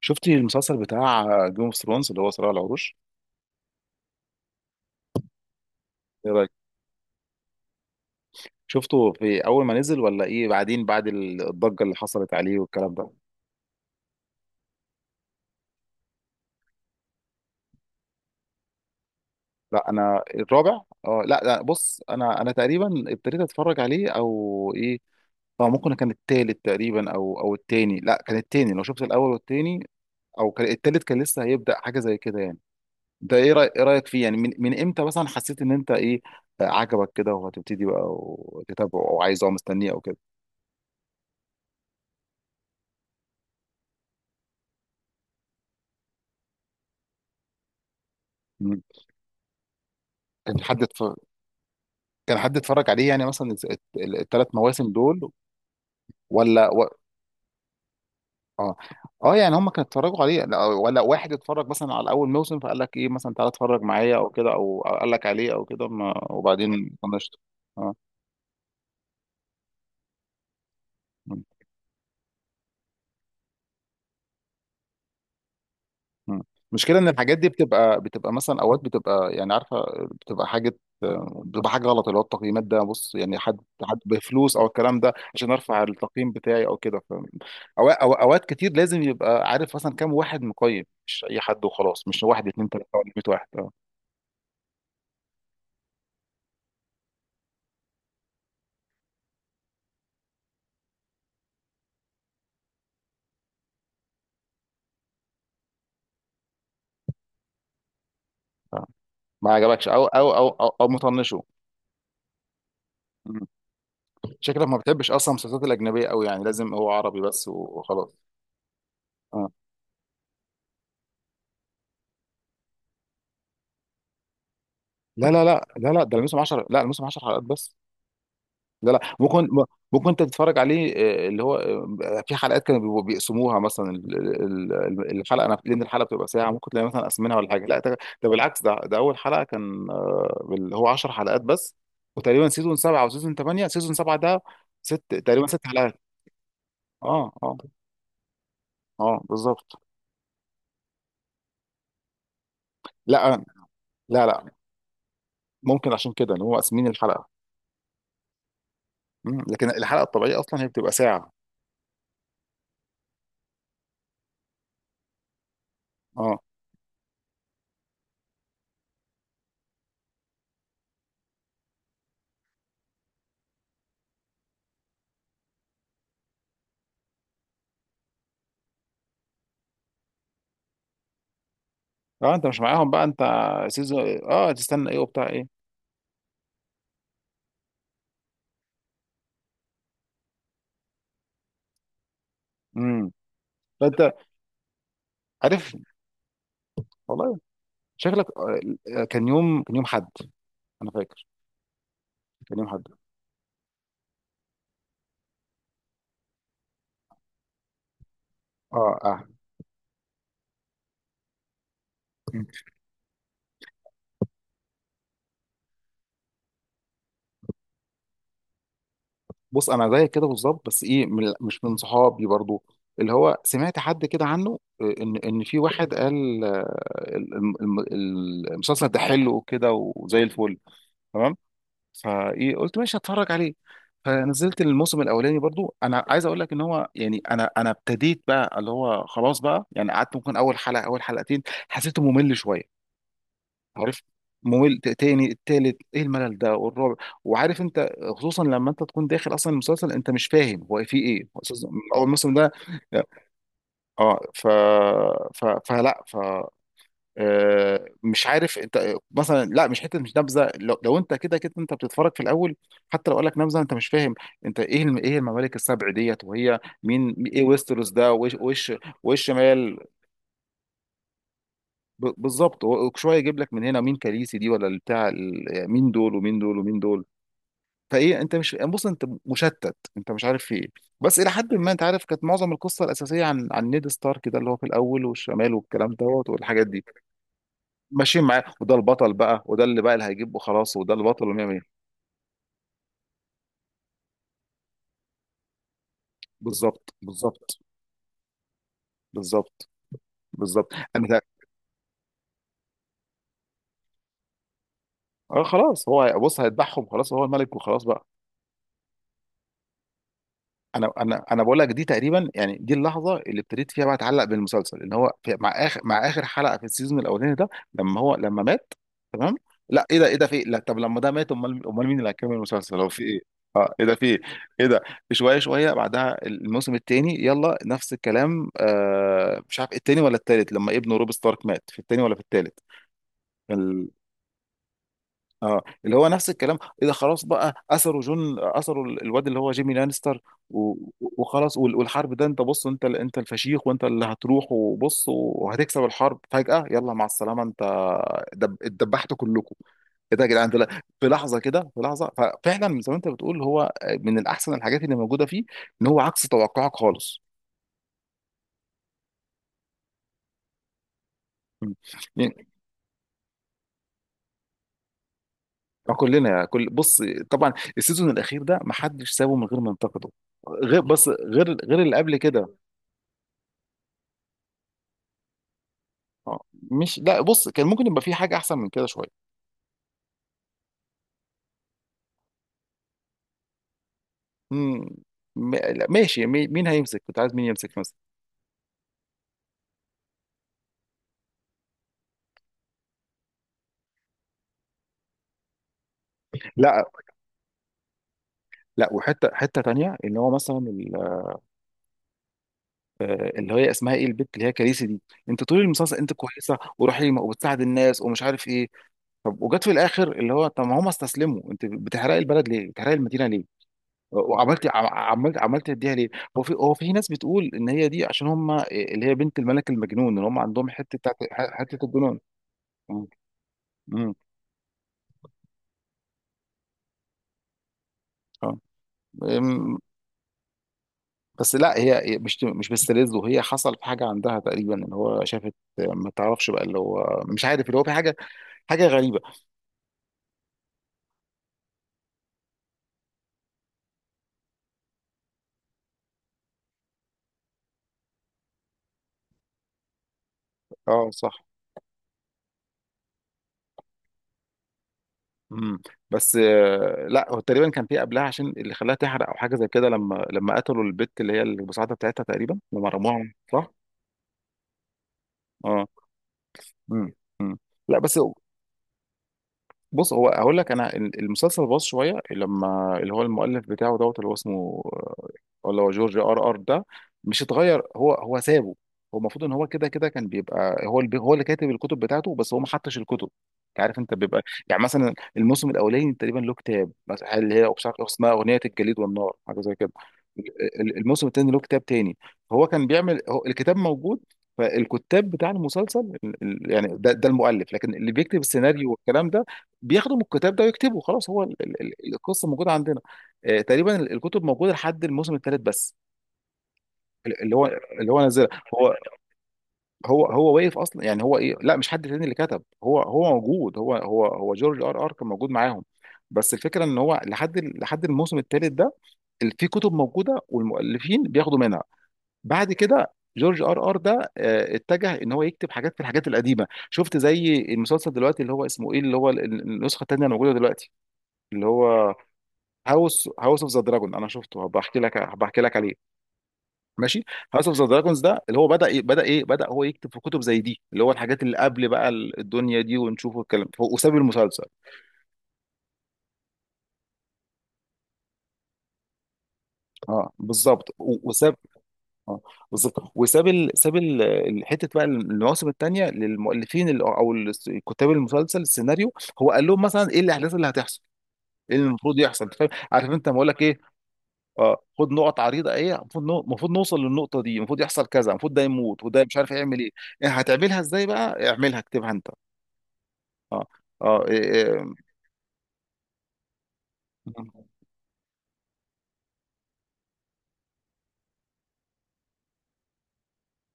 شفتي المسلسل بتاع جيم اوف ثرونز اللي هو صراع العروش. ايه رايك؟ شفته في اول ما نزل ولا ايه بعدين بعد الضجه اللي حصلت عليه والكلام ده؟ لا الرابع. اه لا لا بص، انا تقريبا ابتديت اتفرج عليه او ايه؟ اه ممكن كان التالت تقريبا او التاني، لا كان التاني لو شفت الاول والتاني، او كان التالت كان لسه هيبدا حاجه زي كده يعني. ده ايه رايك، ايه رايك فيه يعني؟ من امتى مثلا حسيت ان انت ايه، عجبك كده وهتبتدي بقى وتتابعه او عايزه او مستنيه او كده؟ مم. كان في حد كان حد اتفرج عليه يعني مثلا الثلاث مواسم دول، ولا و... اه اه، يعني هم كانوا اتفرجوا عليه لا، ولا واحد اتفرج مثلا على اول موسم فقال لك ايه مثلا تعالى اتفرج معايا او كده، او أو قال لك عليه او كده ما... وبعدين طنشته؟ اه. مم. المشكله ان الحاجات دي بتبقى مثلا اوقات بتبقى يعني عارفه، بتبقى حاجه بتبقى حاجه غلط، اللي هو التقييمات ده بص، يعني حد بفلوس او الكلام ده عشان ارفع التقييم بتاعي او كده، اوقات كتير لازم يبقى عارف مثلا كام واحد مقيم، مش اي حد وخلاص، مش واحد اتنين تلاته ولا 100 واحد. اه. آه. ما عجبكش أو مطنشه؟ مم. شكلك ما بتحبش اصلا المسلسلات الاجنبيه قوي، يعني لازم هو عربي بس وخلاص؟ اه لا، ده الموسم 10 لا الموسم 10 حلقات بس. لا ممكن، ممكن انت تتفرج عليه. آه، اللي هو آه، في حلقات كانوا بيبقوا بيقسموها مثلا، ال- ال- ال- الحلقه انا لان الحلقه بتبقى ساعه، ممكن تلاقي مثلا قسمينها ولا حاجه. لا ده بالعكس، ده اول حلقه كان اللي هو 10 حلقات بس. وتقريبا سيزون سبعه وسيزون ثمانيه، سيزون سبعه ده تقريبا ست حلقات. اه اه. اه بالظبط. لا لا ممكن عشان كده ان هو قاسمين الحلقه. مم. لكن الحلقه الطبيعيه اصلا هي بتبقى ساعه. اه. اه انت مش معاهم بقى انت؟ سيزون، اه، تستنى ايه وبتاع ايه؟ امم. فانت، عارف، والله شكلك كان يوم، كان يوم حد. انا فاكر كان يوم حد. اه اه. مم. بص انا زيك كده بالظبط بس ايه، مش من صحابي برضو، اللي هو سمعت حد كده عنه، ان ان في واحد قال الم- الم- المسلسل ده حلو وكده وزي الفل، تمام. فايه قلت ماشي هتفرج عليه. فنزلت الموسم الاولاني برضو، انا عايز اقول لك ان هو يعني، انا ابتديت بقى اللي هو خلاص بقى يعني، قعدت ممكن اول حلقه اول حلقتين، حسيته ممل شويه. عارف، ممل، تاني التالت ايه الملل ده، والرابع، وعارف انت، خصوصا لما انت تكون داخل اصلا المسلسل انت مش فاهم هو فيه ايه، هو أساساً من اول موسم ده. اه ف ف فلا ف آه، مش عارف انت مثلا، لا مش حته مش نبذه، لو انت كده كده انت بتتفرج في الاول، حتى لو قال لك نبذه انت مش فاهم انت ايه ايه الممالك السبع ديت، وهي مين، ايه ويستروس ده، وايش وايش والشمال. بالظبط، هو شويه يجيب لك من هنا مين كاليسي دي ولا بتاع، مين دول ومين دول ومين دول. فايه انت مش يعني بص انت مشتت، انت مش عارف في ايه. بس الى حد ما انت عارف كانت معظم القصه الاساسيه عن نيد ستارك ده اللي هو في الاول والشمال والكلام دوت والحاجات دي، ماشيين معاه وده البطل بقى، وده اللي بقى اللي هيجيبه خلاص وده البطل وما. بالظبط بالظبط بالظبط بالظبط انا اه خلاص هو بص هيذبحهم خلاص هو الملك وخلاص بقى. انا بقول لك، دي تقريبا يعني دي اللحظه اللي ابتديت فيها بقى اتعلق بالمسلسل، ان هو في مع اخر حلقه في السيزون الاولاني ده، لما مات. تمام. لا ايه ده، ايه ده، في إيه؟ لا طب لما ده مات امال مين اللي هيكمل المسلسل، هو في ايه؟ اه ايه ده في ايه؟ ايه ده؟ شويه بعدها الموسم الثاني يلا نفس الكلام، مش عارف الثاني ولا الثالث، لما ابنه روب ستارك مات في الثاني ولا في الثالث، اه اللي هو نفس الكلام. اذا خلاص بقى، اثروا جون، اثروا الواد اللي هو جيمي لانستر، و- وخلاص والحرب ده انت بص انت انت الفشيخ وانت اللي هتروح وبص وهتكسب الحرب فجأة، يلا مع السلامة انت، دب اتدبحتوا كلكم. ايه ده يا جدعان ده في لحظه كده، في لحظه. ففعلا زي ما انت بتقول هو من الاحسن الحاجات اللي موجوده فيه، ان هو عكس توقعك خالص. مم. يعني كلنا كل بص، طبعا السيزون الاخير ده ما حدش سابه من غير ما ينتقده، غير بس غير اللي قبل كده. اه، مش، لا بص، كان ممكن يبقى في حاجه احسن من كده شويه. مم. لا، ماشي، مين هيمسك، كنت عايز مين يمسك مثلا؟ لا لا، وحته، تانيه اللي هو مثلا اللي هي اسمها ايه، البت اللي هي كاليسي دي، انت طول المسلسل انت كويسه ورحيمه وبتساعد الناس ومش عارف ايه، طب وجت في الاخر اللي هو طب ما هم استسلموا، انت بتحرقي البلد ليه، بتحرقي المدينه ليه؟ وعملت عملت عملت اديها ليه؟ هو في، هو في ناس بتقول ان هي دي عشان هم اللي هي بنت الملك المجنون اللي هم عندهم حته حته الجنون. مم. مم. آه. أم، بس لا هي مش، مش بتستلذه، هي حصل في حاجه عندها تقريبا اللي هو شافت، ما تعرفش بقى اللي هو مش عارف اللي هو في حاجه، حاجه غريبه. اه صح. امم. بس لا هو تقريبا كان في قبلها عشان اللي خلاها تحرق او حاجه زي كده، لما قتلوا البت اللي هي المساعده بتاعتها تقريبا، لما رموها صح. اه. امم. أمم. لا بس بص، هو هقول لك انا المسلسل باظ شويه لما اللي هو المؤلف بتاعه دوت اللي هو اسمه اللي هو جورج ار ار ده، مش اتغير، هو سابه، هو المفروض ان هو كده كده كان بيبقى هو اللي هو اللي كاتب الكتب بتاعته، بس هو ما حطش الكتب. انت عارف، انت بيبقى يعني مثلا الموسم الاولاني تقريبا له كتاب مثلا اللي هي مش عارف اسمها اغنيه الجليد والنار حاجه زي كده، الموسم الثاني له كتاب تاني، هو كان بيعمل، هو الكتاب موجود. فالكتاب بتاع المسلسل يعني ده المؤلف، لكن اللي بيكتب السيناريو والكلام ده بياخدوا من الكتاب ده ويكتبوا، خلاص هو القصه موجوده عندنا. تقريبا الكتب موجوده لحد الموسم الثالث بس، ال- اللي هو اللي هو نزل هو هو هو واقف اصلا يعني، هو ايه، لا مش حد تاني اللي كتب، هو موجود، هو جورج ار ار كان موجود معاهم. بس الفكره ان هو لحد الموسم الثالث ده في كتب موجوده والمؤلفين بياخدوا منها. بعد كده جورج ار ار ده اتجه ان هو يكتب حاجات في الحاجات القديمه، شفت زي المسلسل دلوقتي اللي هو اسمه ايه، اللي هو النسخه الثانيه الموجوده دلوقتي، اللي هو هاوس اوف ذا دراجون، انا شفته، هبقى احكي لك عليه. ماشي. هاوس اوف ذا دراجونز ده اللي هو بدا إيه، بدا هو يكتب في كتب زي دي اللي هو الحاجات اللي قبل بقى الدنيا دي ونشوف الكلام، وساب المسلسل. اه بالظبط اه وساب ال... ساب ال... ال- حته بقى المواسم الثانيه للمؤلفين كتاب المسلسل السيناريو، هو قال لهم مثلا ايه الاحداث اللي هتحصل، ايه اللي المفروض يحصل. أنت فاهم، عارف انت لما اقول لك ايه؟ اه، خد نقط عريضه، ايه المفروض المفروض نوصل للنقطه دي، المفروض يحصل كذا، المفروض ده يموت، وده مش عارف يعمل ايه، إيه هتعملها ازاي بقى، اعملها اكتبها انت. اه اه. إيه إيه.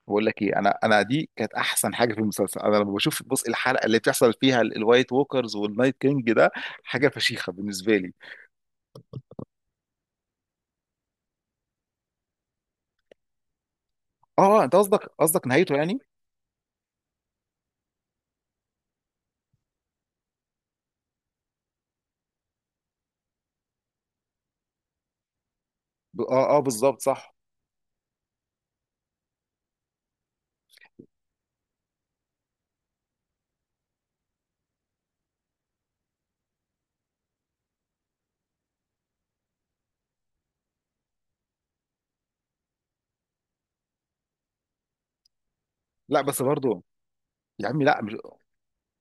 بقول لك ايه، انا دي كانت احسن حاجه في المسلسل. انا لما بشوف بص الحلقه اللي بتحصل فيها الوايت ووكرز والنايت كينج ده، حاجه فشيخه بالنسبه لي. اه انت قصدك، قصدك نهايته يعني؟ بالظبط صح. لا بس برضه، يا عمي لا،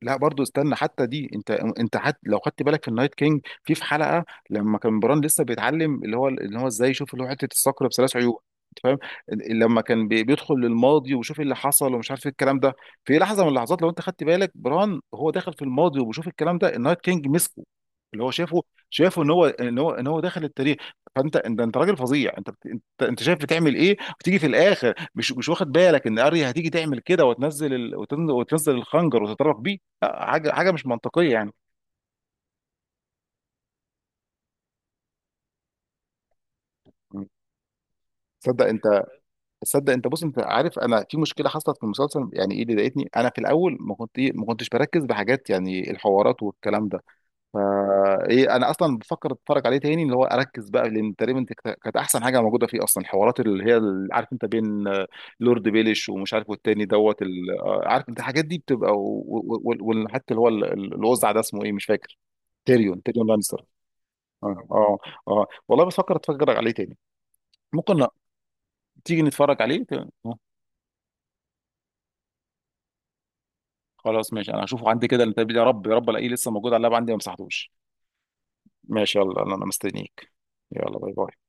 لا برضو استنى حتى دي. انت انت حت لو خدت بالك في النايت كينج في في حلقه لما كان بران لسه بيتعلم اللي هو ازاي يشوف اللي هو حته الصقر بثلاث عيون، انت فاهم؟ لما كان بيدخل للماضي ويشوف اللي حصل ومش عارف ايه الكلام ده، في لحظه من اللحظات لو انت خدت بالك بران هو داخل في الماضي وبيشوف الكلام ده، النايت كينج مسكه، اللي هو شايفه، شايفه ان هو داخل التاريخ. فانت انت راجل فظيع، انت انت شايف بتعمل ايه، وتيجي في الاخر مش، مش واخد بالك ان اريا هتيجي تعمل كده وتنزل وتنزل الخنجر وتتطرف بيه. لا، حاجه، حاجه مش منطقيه يعني. م. تصدق انت، تصدق انت بص، انت عارف انا في مشكله حصلت في المسلسل يعني ايه اللي ضايقتني، انا في الاول ما كنتش بركز بحاجات يعني الحوارات والكلام ده. فا ايه، انا اصلا بفكر اتفرج عليه تاني اللي هو اركز بقى، لان تقريبا دي كانت احسن حاجه موجوده فيه اصلا، الحوارات اللي هي عارف انت بين لورد بيليش ومش عارف والتاني دوت عارف انت الحاجات دي بتبقى وحتى اللي هو الوزع ده اسمه ايه، مش فاكر، تيريون لانستر. اه اه. اه والله بفكر اتفرج عليه تاني. ممكن، لا، تيجي نتفرج عليه آه، خلاص ماشي، انا هشوفه عندي كده، انت يا رب يا رب الاقيه لسه موجود على اللاب عندي ما مسحتوش. ماشي يلا، انا مستنيك. يلا باي باي.